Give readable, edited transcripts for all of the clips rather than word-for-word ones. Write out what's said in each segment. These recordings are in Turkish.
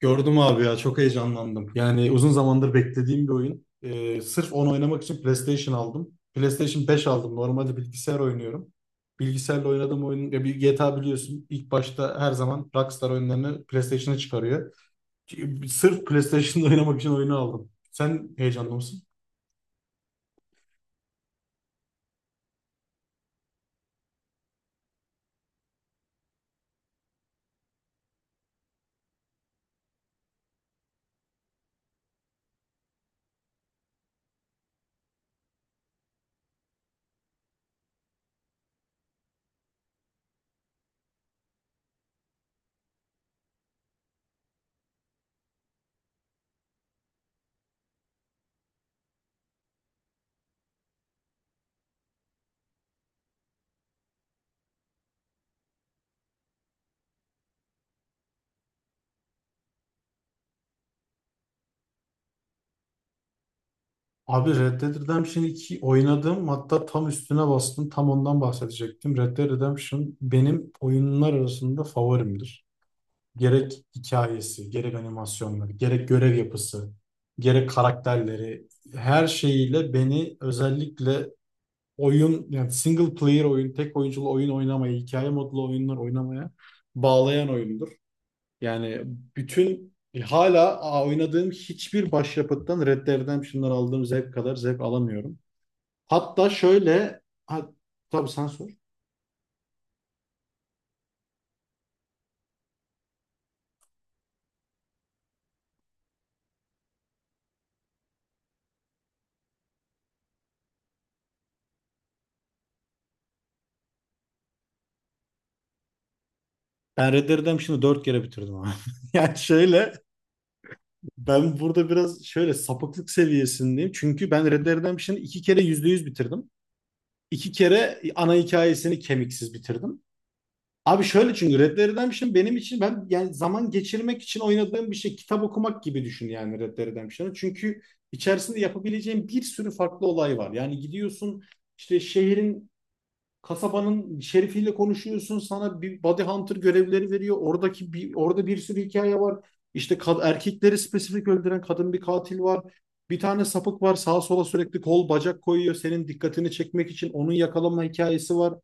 Gördüm abi ya çok heyecanlandım. Yani uzun zamandır beklediğim bir oyun. Sırf onu oynamak için PlayStation aldım. PlayStation 5 aldım. Normalde bilgisayar oynuyorum. Bilgisayarla oynadığım oyun ya bir GTA biliyorsun. İlk başta her zaman Rockstar oyunlarını PlayStation'a çıkarıyor. Sırf PlayStation'da oynamak için oyunu aldım. Sen heyecanlı mısın? Abi Red Dead Redemption 2 oynadım. Hatta tam üstüne bastım. Tam ondan bahsedecektim. Red Dead Redemption benim oyunlar arasında favorimdir. Gerek hikayesi, gerek animasyonları, gerek görev yapısı, gerek karakterleri, her şeyiyle beni özellikle oyun yani single player oyun, tek oyunculu oyun oynamaya, hikaye modlu oyunlar oynamaya bağlayan oyundur. Yani bütün hala oynadığım hiçbir başyapıttan Red Dead Redemption'dan aldığım zevk kadar zevk alamıyorum. Hatta şöyle. Ha, tabii sen sor. Ben Red Dead Redemption'ı dört kere bitirdim abi. Yani şöyle. Ben burada biraz şöyle sapıklık seviyesindeyim. Çünkü ben Red Dead Redemption'ı iki kere %100 bitirdim. İki kere ana hikayesini kemiksiz bitirdim. Abi şöyle, çünkü Red Dead Redemption benim için ben yani zaman geçirmek için oynadığım bir şey. Kitap okumak gibi düşün yani Red Dead Redemption'ı. Çünkü içerisinde yapabileceğin bir sürü farklı olay var. Yani gidiyorsun işte şehrin, kasabanın şerifiyle konuşuyorsun. Sana bir body hunter görevleri veriyor. Oradaki bir, orada bir sürü hikaye var. İşte erkekleri spesifik öldüren kadın bir katil var. Bir tane sapık var. Sağa sola sürekli kol bacak koyuyor. Senin dikkatini çekmek için onun yakalama hikayesi var.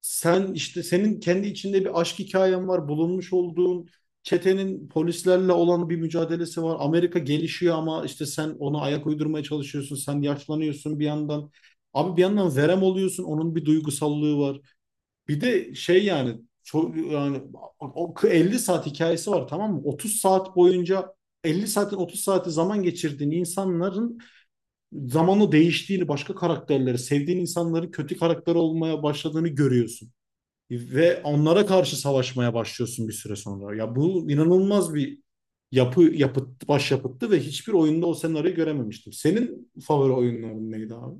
Sen işte senin kendi içinde bir aşk hikayen var, bulunmuş olduğun çetenin polislerle olan bir mücadelesi var. Amerika gelişiyor ama işte sen ona ayak uydurmaya çalışıyorsun. Sen yaşlanıyorsun bir yandan. Abi bir yandan verem oluyorsun. Onun bir duygusallığı var. Bir de şey yani çok yani o 50 saat hikayesi var tamam mı? 30 saat boyunca, 50 saatin 30 saati, zaman geçirdiğin insanların zamanla değiştiğini, başka karakterleri, sevdiğin insanların kötü karakter olmaya başladığını görüyorsun ve onlara karşı savaşmaya başlıyorsun bir süre sonra. Ya bu inanılmaz bir yapı yapıt başyapıttı ve hiçbir oyunda o senaryoyu görememiştim. Senin favori oyunların neydi abi?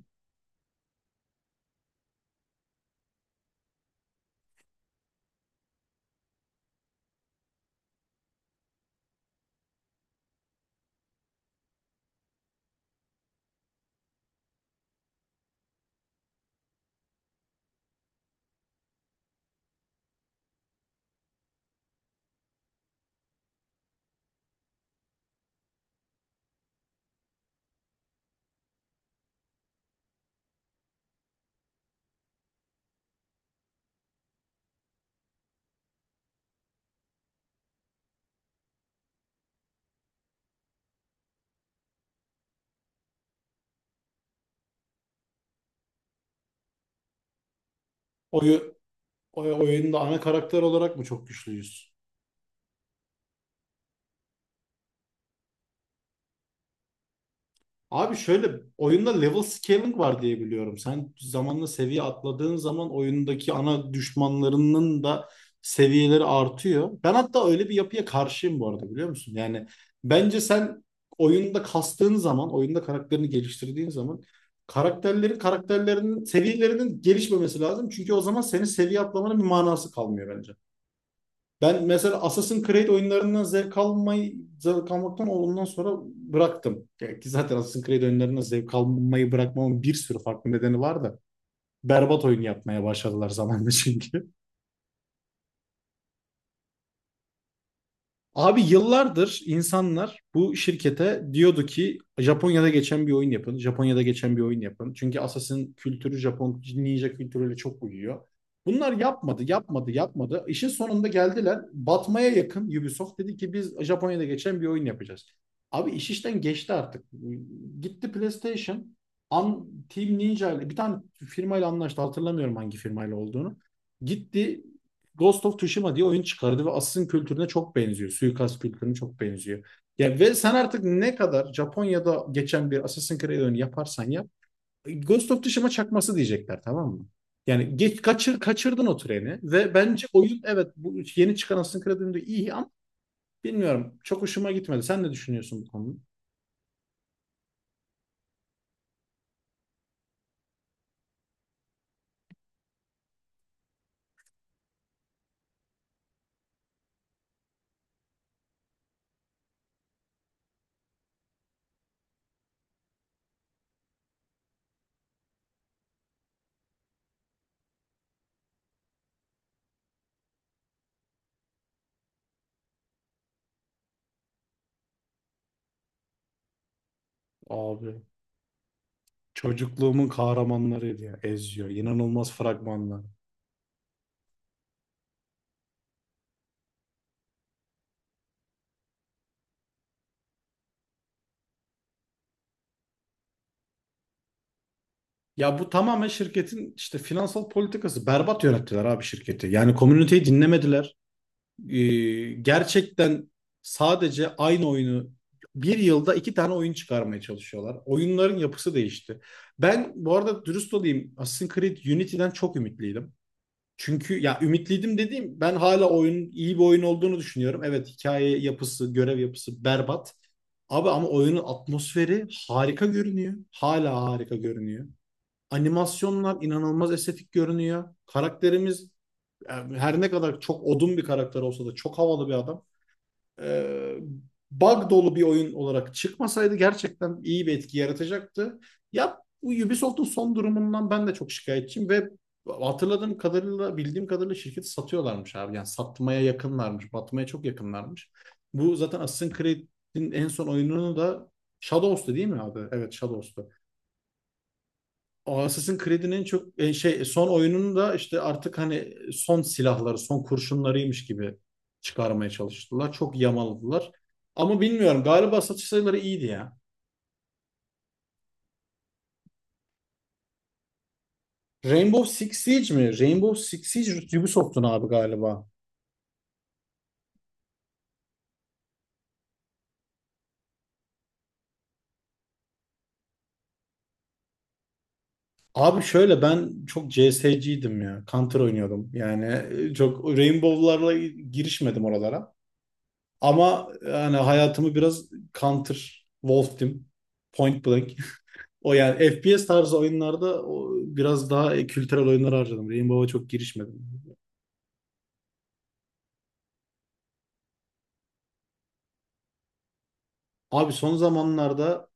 Oyu, oyunda ana karakter olarak mı çok güçlüyüz? Abi şöyle, oyunda level scaling var diye biliyorum. Sen zamanla seviye atladığın zaman oyundaki ana düşmanlarının da seviyeleri artıyor. Ben hatta öyle bir yapıya karşıyım bu arada, biliyor musun? Yani bence sen oyunda kastığın zaman, oyunda karakterini geliştirdiğin zaman karakterlerinin seviyelerinin gelişmemesi lazım. Çünkü o zaman senin seviye atlamanın bir manası kalmıyor bence. Ben mesela Assassin's Creed oyunlarından zevk almayı, zevk almaktan ondan sonra bıraktım. Ya ki zaten Assassin's Creed oyunlarından zevk almayı bırakmamın bir sürü farklı nedeni var da berbat oyun yapmaya başladılar zamanla çünkü. Abi yıllardır insanlar bu şirkete diyordu ki Japonya'da geçen bir oyun yapın. Japonya'da geçen bir oyun yapın. Çünkü Assassin kültürü Japon ninja kültürüyle çok uyuyor. Bunlar yapmadı, yapmadı, yapmadı. İşin sonunda geldiler. Batmaya yakın Ubisoft dedi ki biz Japonya'da geçen bir oyun yapacağız. Abi iş işten geçti artık. Gitti PlayStation. Team Ninja ile bir tane firmayla anlaştı. Hatırlamıyorum hangi firmayla olduğunu. Gitti Ghost of Tsushima diye oyun çıkardı ve Assassin kültürüne çok benziyor. Suikast kültürüne çok benziyor. Ya ve sen artık ne kadar Japonya'da geçen bir Assassin's Creed oyunu yaparsan yap, Ghost of Tsushima çakması diyecekler tamam mı? Yani geç, kaçır, kaçırdın o treni ve bence oyun, evet, bu yeni çıkan Assassin's Creed oyunu da iyi ama bilmiyorum, çok hoşuma gitmedi. Sen ne düşünüyorsun bu konuda? Abi çocukluğumun kahramanlarıydı ya Ezio. İnanılmaz fragmanlar. Ya bu tamamen şirketin işte finansal politikası. Berbat yönettiler abi şirketi. Yani komüniteyi dinlemediler. Ee, Gerçekten sadece aynı oyunu, bir yılda iki tane oyun çıkarmaya çalışıyorlar. Oyunların yapısı değişti. Ben bu arada dürüst olayım, Assassin's Creed Unity'den çok ümitliydim. Çünkü, ya ümitliydim dediğim, ben hala oyunun iyi bir oyun olduğunu düşünüyorum. Evet, hikaye yapısı, görev yapısı berbat. Abi ama oyunun atmosferi harika görünüyor. Hala harika görünüyor. Animasyonlar inanılmaz estetik görünüyor. Karakterimiz yani her ne kadar çok odun bir karakter olsa da çok havalı bir adam. Ee, Bug dolu bir oyun olarak çıkmasaydı gerçekten iyi bir etki yaratacaktı. Ya Ubisoft'un son durumundan ben de çok şikayetçiyim ve hatırladığım kadarıyla, bildiğim kadarıyla şirketi satıyorlarmış abi. Yani satmaya yakınlarmış, batmaya çok yakınlarmış. Bu zaten Assassin's Creed'in en son oyununu da, Shadows'tu değil mi abi? Evet Shadows, o Assassin's Creed'in çok son oyununu da işte artık hani son silahları, son kurşunlarıymış gibi çıkarmaya çalıştılar. Çok yamaladılar. Ama bilmiyorum, galiba satış sayıları iyiydi ya. Rainbow Six Siege mi? Rainbow Six Siege Ubisoft'un abi galiba. Abi şöyle, ben çok CS'ciydim ya. Counter oynuyordum. Yani çok Rainbow'larla girişmedim oralara. Ama yani hayatımı biraz Counter, Wolf Team, Point Blank, o yani FPS tarzı oyunlarda, o biraz daha kültürel oyunlar harcadım. Rainbow'a çok girişmedim. Abi son zamanlarda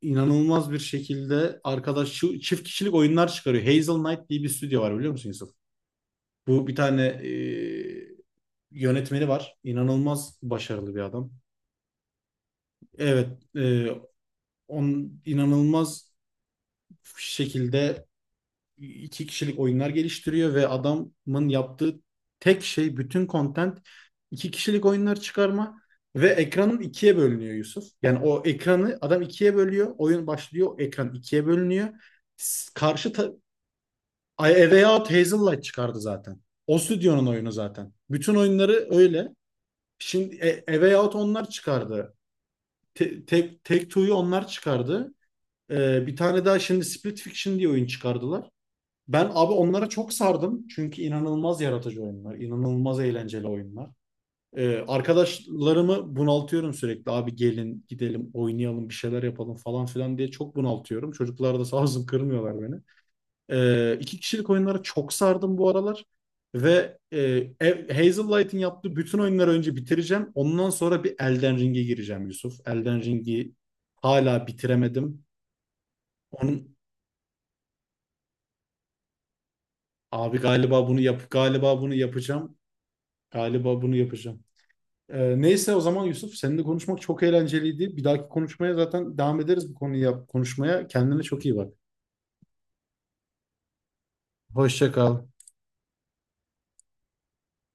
inanılmaz bir şekilde arkadaş şu çift kişilik oyunlar çıkarıyor. Hazel Knight diye bir stüdyo var, biliyor musun Yusuf? Bu, bir tane yönetmeni var. İnanılmaz başarılı bir adam. Evet, e, on inanılmaz şekilde iki kişilik oyunlar geliştiriyor ve adamın yaptığı tek şey bütün content iki kişilik oyunlar çıkarma. Ve ekranın ikiye bölünüyor Yusuf. Yani o ekranı adam ikiye bölüyor. Oyun başlıyor. Ekran ikiye bölünüyor. S- Karşı ta- A Way Out Hazellight çıkardı zaten. O stüdyonun oyunu zaten. Bütün oyunları öyle. Şimdi A Way Out onlar çıkardı. Take Two'yu onlar çıkardı. Bir tane daha şimdi Split Fiction diye oyun çıkardılar. Ben abi onlara çok sardım. Çünkü inanılmaz yaratıcı oyunlar, inanılmaz eğlenceli oyunlar. Arkadaşlarımı bunaltıyorum sürekli. Abi gelin gidelim oynayalım bir şeyler yapalım falan filan diye çok bunaltıyorum. Çocuklar da sağ olsun kırmıyorlar beni. İki kişilik oyunlara çok sardım bu aralar. Ve Hazel Light'in yaptığı bütün oyunları önce bitireceğim. Ondan sonra bir Elden Ring'e gireceğim Yusuf. Elden Ring'i hala bitiremedim. Onun, abi galiba bunu yap galiba bunu yapacağım. Galiba bunu yapacağım. Neyse o zaman Yusuf, seninle konuşmak çok eğlenceliydi. Bir dahaki konuşmaya zaten devam ederiz bu konuyu konuşmaya. Kendine çok iyi bak. Hoşça kal.